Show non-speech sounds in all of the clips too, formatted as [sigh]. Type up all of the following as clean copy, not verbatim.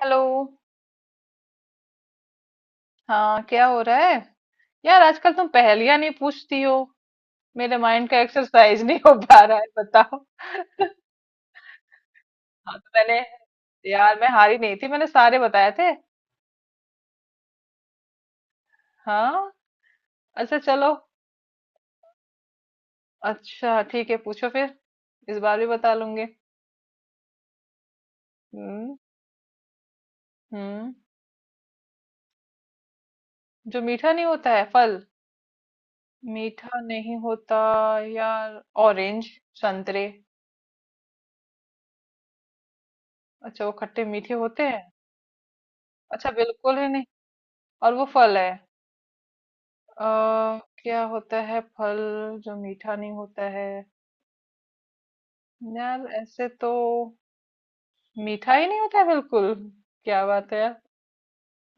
Hello. हाँ, क्या हो रहा है? यार, आजकल तुम पहेलियां नहीं पूछती हो। मेरे माइंड का एक्सरसाइज नहीं हो पा रहा है, बताओ। [laughs] हाँ तो मैंने, यार मैं हारी नहीं थी, मैंने सारे बताए थे। हाँ। अच्छा चलो। अच्छा ठीक है, पूछो फिर। इस बार भी बता लूंगी। हम्म। हम्म। जो मीठा नहीं होता है फल। मीठा नहीं होता। यार, ऑरेंज। संतरे। अच्छा, वो खट्टे मीठे होते हैं। अच्छा, बिल्कुल ही नहीं। और वो फल है। अ, क्या होता है फल जो मीठा नहीं होता है? यार ऐसे तो मीठा ही नहीं होता है बिल्कुल। क्या बात है यार।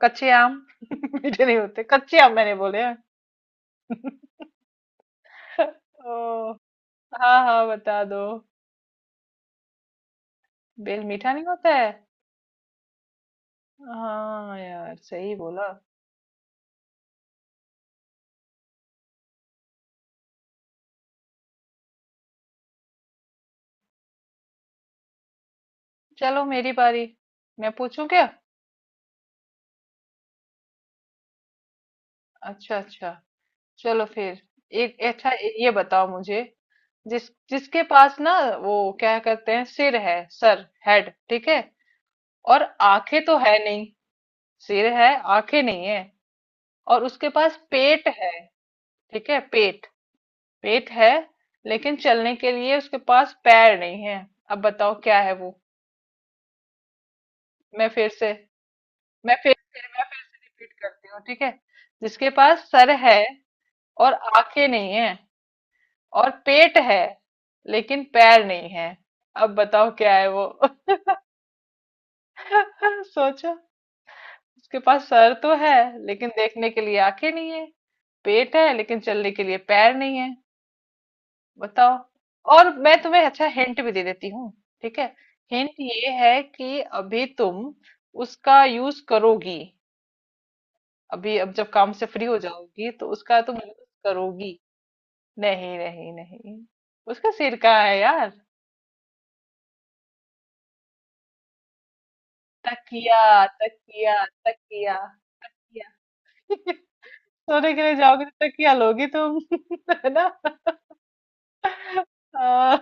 कच्चे आम। [laughs] मीठे नहीं होते, कच्चे आम मैंने बोले हैं। [laughs] ओ, हाँ हाँ बता दो। बेल मीठा नहीं होता है। हाँ यार, सही बोला। चलो मेरी बारी। मैं पूछूं क्या? अच्छा अच्छा। चलो फिर। एक अच्छा। ये बताओ मुझे। जिसके पास ना, वो क्या कहते हैं, सिर है, सर, हेड, ठीक है। और आंखें तो है नहीं। सिर है, आंखें नहीं है, और उसके पास पेट है। ठीक है, पेट। पेट है, लेकिन चलने के लिए उसके पास पैर नहीं है। अब बताओ क्या है वो। मैं फिर से मैं फिर से मैं फिर से रिपीट करती हूँ, ठीक है। जिसके पास सर है, और आंखें नहीं है, और पेट है, लेकिन पैर नहीं है। अब बताओ क्या है वो। [laughs] सोचो। उसके पास सर तो है, लेकिन देखने के लिए आंखें नहीं है। पेट है, लेकिन चलने के लिए पैर नहीं है। बताओ। और मैं तुम्हें अच्छा हिंट भी दे देती हूँ, ठीक है। हिंट ये है कि अभी तुम उसका यूज करोगी। अभी अब जब काम से फ्री हो जाओगी तो उसका तुम यूज करोगी। नहीं नहीं नहीं, उसका सिरका है यार। तकिया, तकिया, तकिया, या। [laughs] सोने के लिए जाओगी तो तकिया लोगी तुम। [laughs] है ना। आ,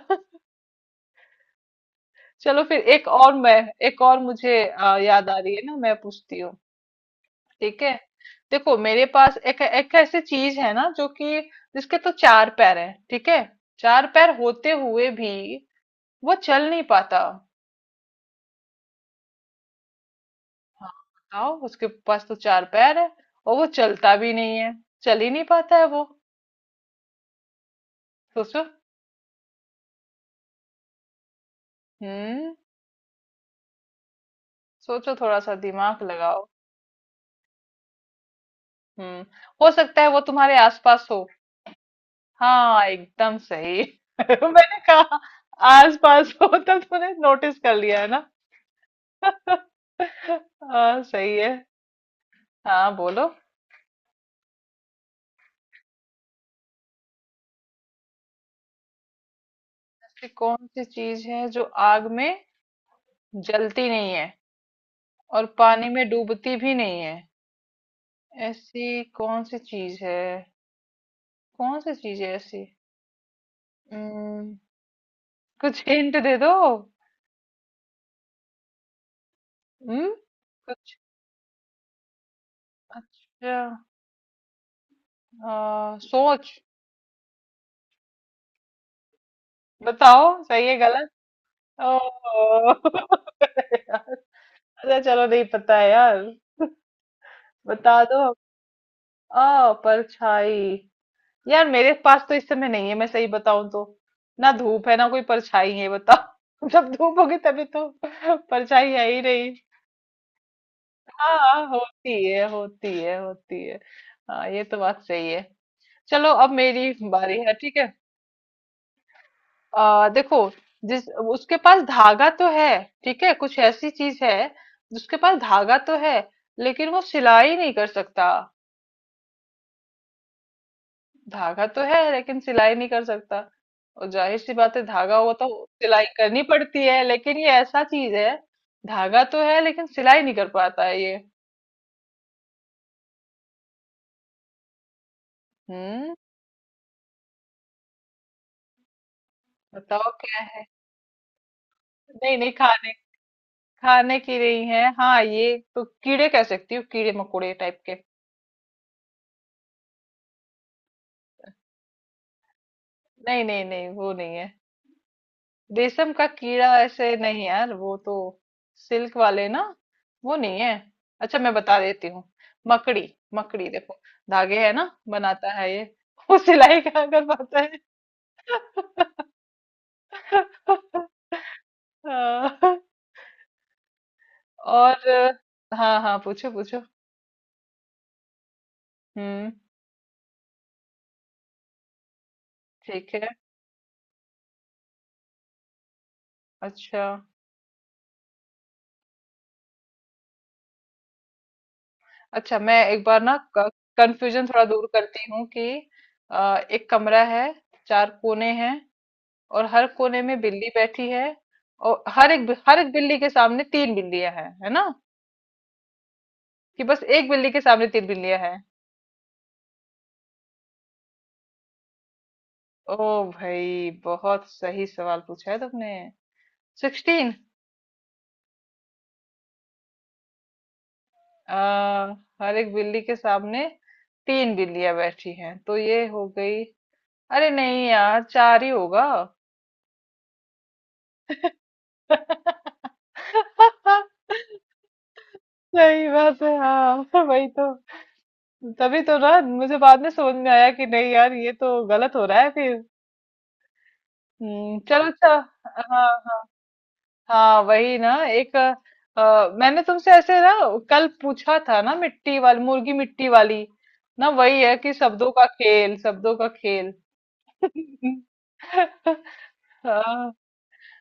चलो फिर एक और मैं। एक और मुझे याद आ रही है ना, मैं पूछती हूँ। ठीक है। देखो, मेरे पास एक एक ऐसी चीज है ना जो कि, जिसके तो चार पैर हैं, ठीक है। चार पैर होते हुए भी वो चल नहीं पाता। हाँ बताओ। उसके पास तो चार पैर है, और वो चलता भी नहीं है। चल ही नहीं पाता है वो। सोचो। हम्म। सोचो थोड़ा सा दिमाग लगाओ। हम्म। हो सकता है वो तुम्हारे आसपास हो। हाँ एकदम सही। [laughs] मैंने कहा, आसपास हो तब तो तुमने नोटिस कर लिया है ना। हाँ सही है। हाँ बोलो। ऐसी कौन सी चीज है जो आग में जलती नहीं है और पानी में डूबती भी नहीं है? ऐसी कौन सी चीज है? कौन सी चीज है ऐसी? हम्म। कुछ हिंट दे दो। हम्म। कुछ, अच्छा। सोच। बताओ सही है गलत। ओ। अच्छा चलो, नहीं पता है यार। बता दो। आ परछाई। यार मेरे पास तो इस समय नहीं है, मैं सही बताऊं तो। ना धूप है ना कोई परछाई है, बताओ। [laughs] जब धूप होगी तभी तो, परछाई है ही नहीं। हाँ होती है होती है होती है। हाँ, ये तो बात सही है। चलो अब मेरी बारी है, ठीक है। देखो। जिस उसके पास धागा तो है, ठीक है, कुछ ऐसी चीज है। उसके पास धागा तो है, लेकिन वो सिलाई नहीं कर सकता। धागा तो है लेकिन सिलाई नहीं कर सकता। और जाहिर सी बात है, धागा वो तो सिलाई करनी पड़ती है, लेकिन ये ऐसा चीज है। धागा तो है लेकिन सिलाई नहीं कर पाता है ये। हम्म। बताओ क्या है। नहीं नहीं खाने। खाने की नहीं है। हाँ ये तो कीड़े कह सकती हूँ, कीड़े मकोड़े टाइप के। नहीं नहीं नहीं, वो नहीं है। रेशम का कीड़ा ऐसे नहीं यार, वो तो सिल्क वाले ना। वो नहीं है। अच्छा मैं बता देती हूँ। मकड़ी। मकड़ी देखो, धागे है ना बनाता है ये। [laughs] वो सिलाई कहाँ कर पाता है। [laughs] हाँ। और हाँ हाँ पूछो पूछो। हम्म। ठीक है। अच्छा अच्छा। मैं एक बार ना कंफ्यूजन थोड़ा दूर करती हूँ कि, एक कमरा है, चार कोने हैं, और हर कोने में बिल्ली बैठी है, और हर एक बिल्ली के सामने तीन बिल्लियां हैं, है ना? कि बस एक बिल्ली के सामने तीन बिल्लियां हैं? ओ भाई, बहुत सही सवाल पूछा है तुमने। 16। आ, हर एक बिल्ली के सामने तीन बिल्लियां बैठी हैं, तो ये हो गई। अरे नहीं यार, चार ही होगा। [laughs] सही बात है, हाँ वही तो। तभी तो ना, मुझे बाद में समझ में आया कि नहीं यार, ये तो गलत हो रहा है फिर। चलो अच्छा। हाँ, हाँ, हाँ, वही ना एक मैंने तुमसे ऐसे ना कल पूछा था ना, मिट्टी वाली मुर्गी, मिट्टी वाली ना वही है कि, शब्दों का खेल, शब्दों का खेल। [laughs] हाँ।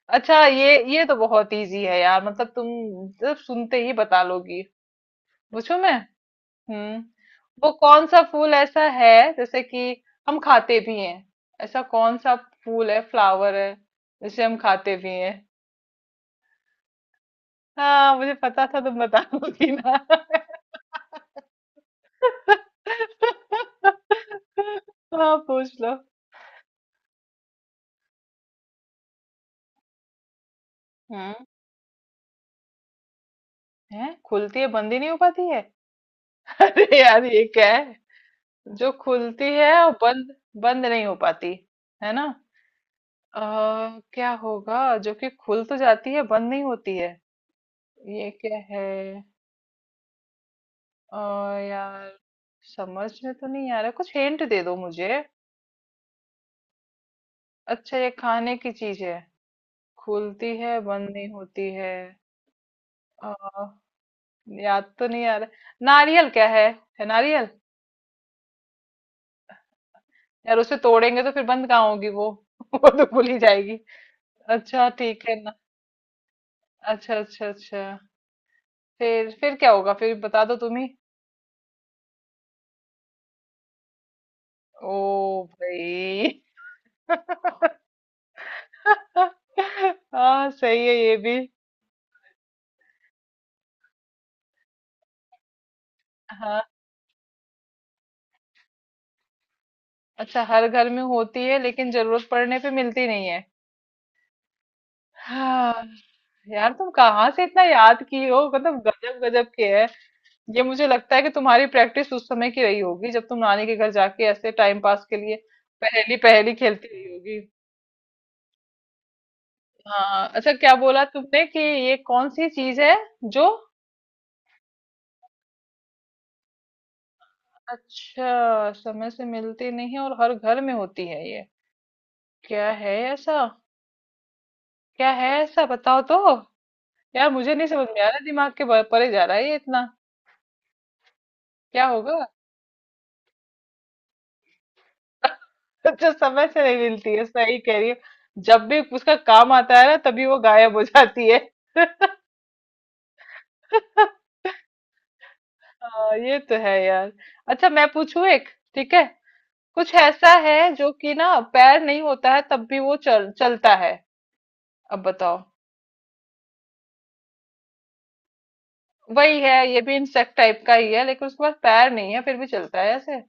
अच्छा, ये तो बहुत इजी है यार, मतलब तुम सिर्फ सुनते ही बता लोगी। पूछू मैं? हम्म। वो कौन सा फूल ऐसा है जैसे कि हम खाते भी हैं? ऐसा कौन सा फूल है, फ्लावर है, जिसे हम खाते भी। हाँ, मुझे पता था तुम बताओगी ना। हाँ पूछ लो। हम्म। है, खुलती है बंद ही नहीं हो पाती है। [laughs] अरे यार ये क्या है? जो खुलती है और बंद, बंद नहीं हो पाती, है ना? अ, क्या होगा जो कि खुल तो जाती है बंद नहीं होती है? ये क्या है? अ, यार, समझ में तो नहीं आ रहा, कुछ हिंट दे दो मुझे। अच्छा ये खाने की चीज है। खुलती है बंद नहीं होती। है। याद तो नहीं आ रहा। नारियल क्या है? है नारियल। यार उसे तोड़ेंगे तो फिर बंद कहाँ होगी वो। [laughs] वो तो भूल ही जाएगी। अच्छा ठीक है ना। अच्छा अच्छा अच्छा। फिर क्या होगा, फिर बता दो तुम ही। ओ भाई। [laughs] हाँ सही है ये भी। हाँ। अच्छा, हर घर में होती है लेकिन जरूरत पड़ने पे मिलती नहीं है। हाँ। यार तुम कहाँ से इतना याद की हो, मतलब गजब गजब के है। ये मुझे लगता है कि तुम्हारी प्रैक्टिस उस समय की रही होगी जब तुम नानी के घर जाके ऐसे टाइम पास के लिए पहेली पहेली खेलती रही होगी। हाँ अच्छा, क्या बोला तुमने कि ये कौन सी चीज है जो। अच्छा, समय से मिलती नहीं है और हर घर में होती है ये। क्या है ऐसा? क्या है ऐसा बताओ तो। यार मुझे नहीं समझ में आ रहा, दिमाग के परे जा रहा है ये इतना। क्या होगा? [laughs] अच्छा, समय से नहीं मिलती है, सही कह रही हो। जब भी उसका काम आता है ना, तभी वो गायब हो जाती है। [laughs] हाँ, ये तो है यार। अच्छा मैं पूछूं एक, ठीक है। कुछ ऐसा है जो कि ना पैर नहीं होता है तब भी वो चल चलता है। अब बताओ। वही है ये भी, इंसेक्ट टाइप का ही है, लेकिन उसके पास पैर नहीं है फिर भी चलता है ऐसे।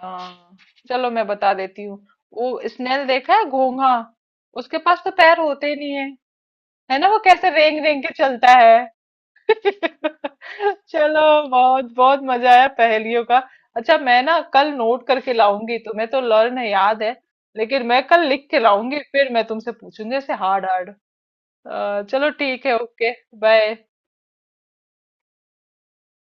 हाँ। चलो मैं बता देती हूँ। वो स्नेल देखा है, घोंघा? उसके पास तो पैर होते ही नहीं है, है ना। वो कैसे रेंग रेंग के चलता है। [laughs] चलो। बहुत बहुत मजा आया पहेलियों का। अच्छा, मैं ना कल नोट करके लाऊंगी, तुम्हें तो लर्न है, याद है। लेकिन मैं कल लिख के लाऊंगी फिर मैं तुमसे पूछूंगी ऐसे हार्ड हार्ड। चलो ठीक है, ओके। बाय।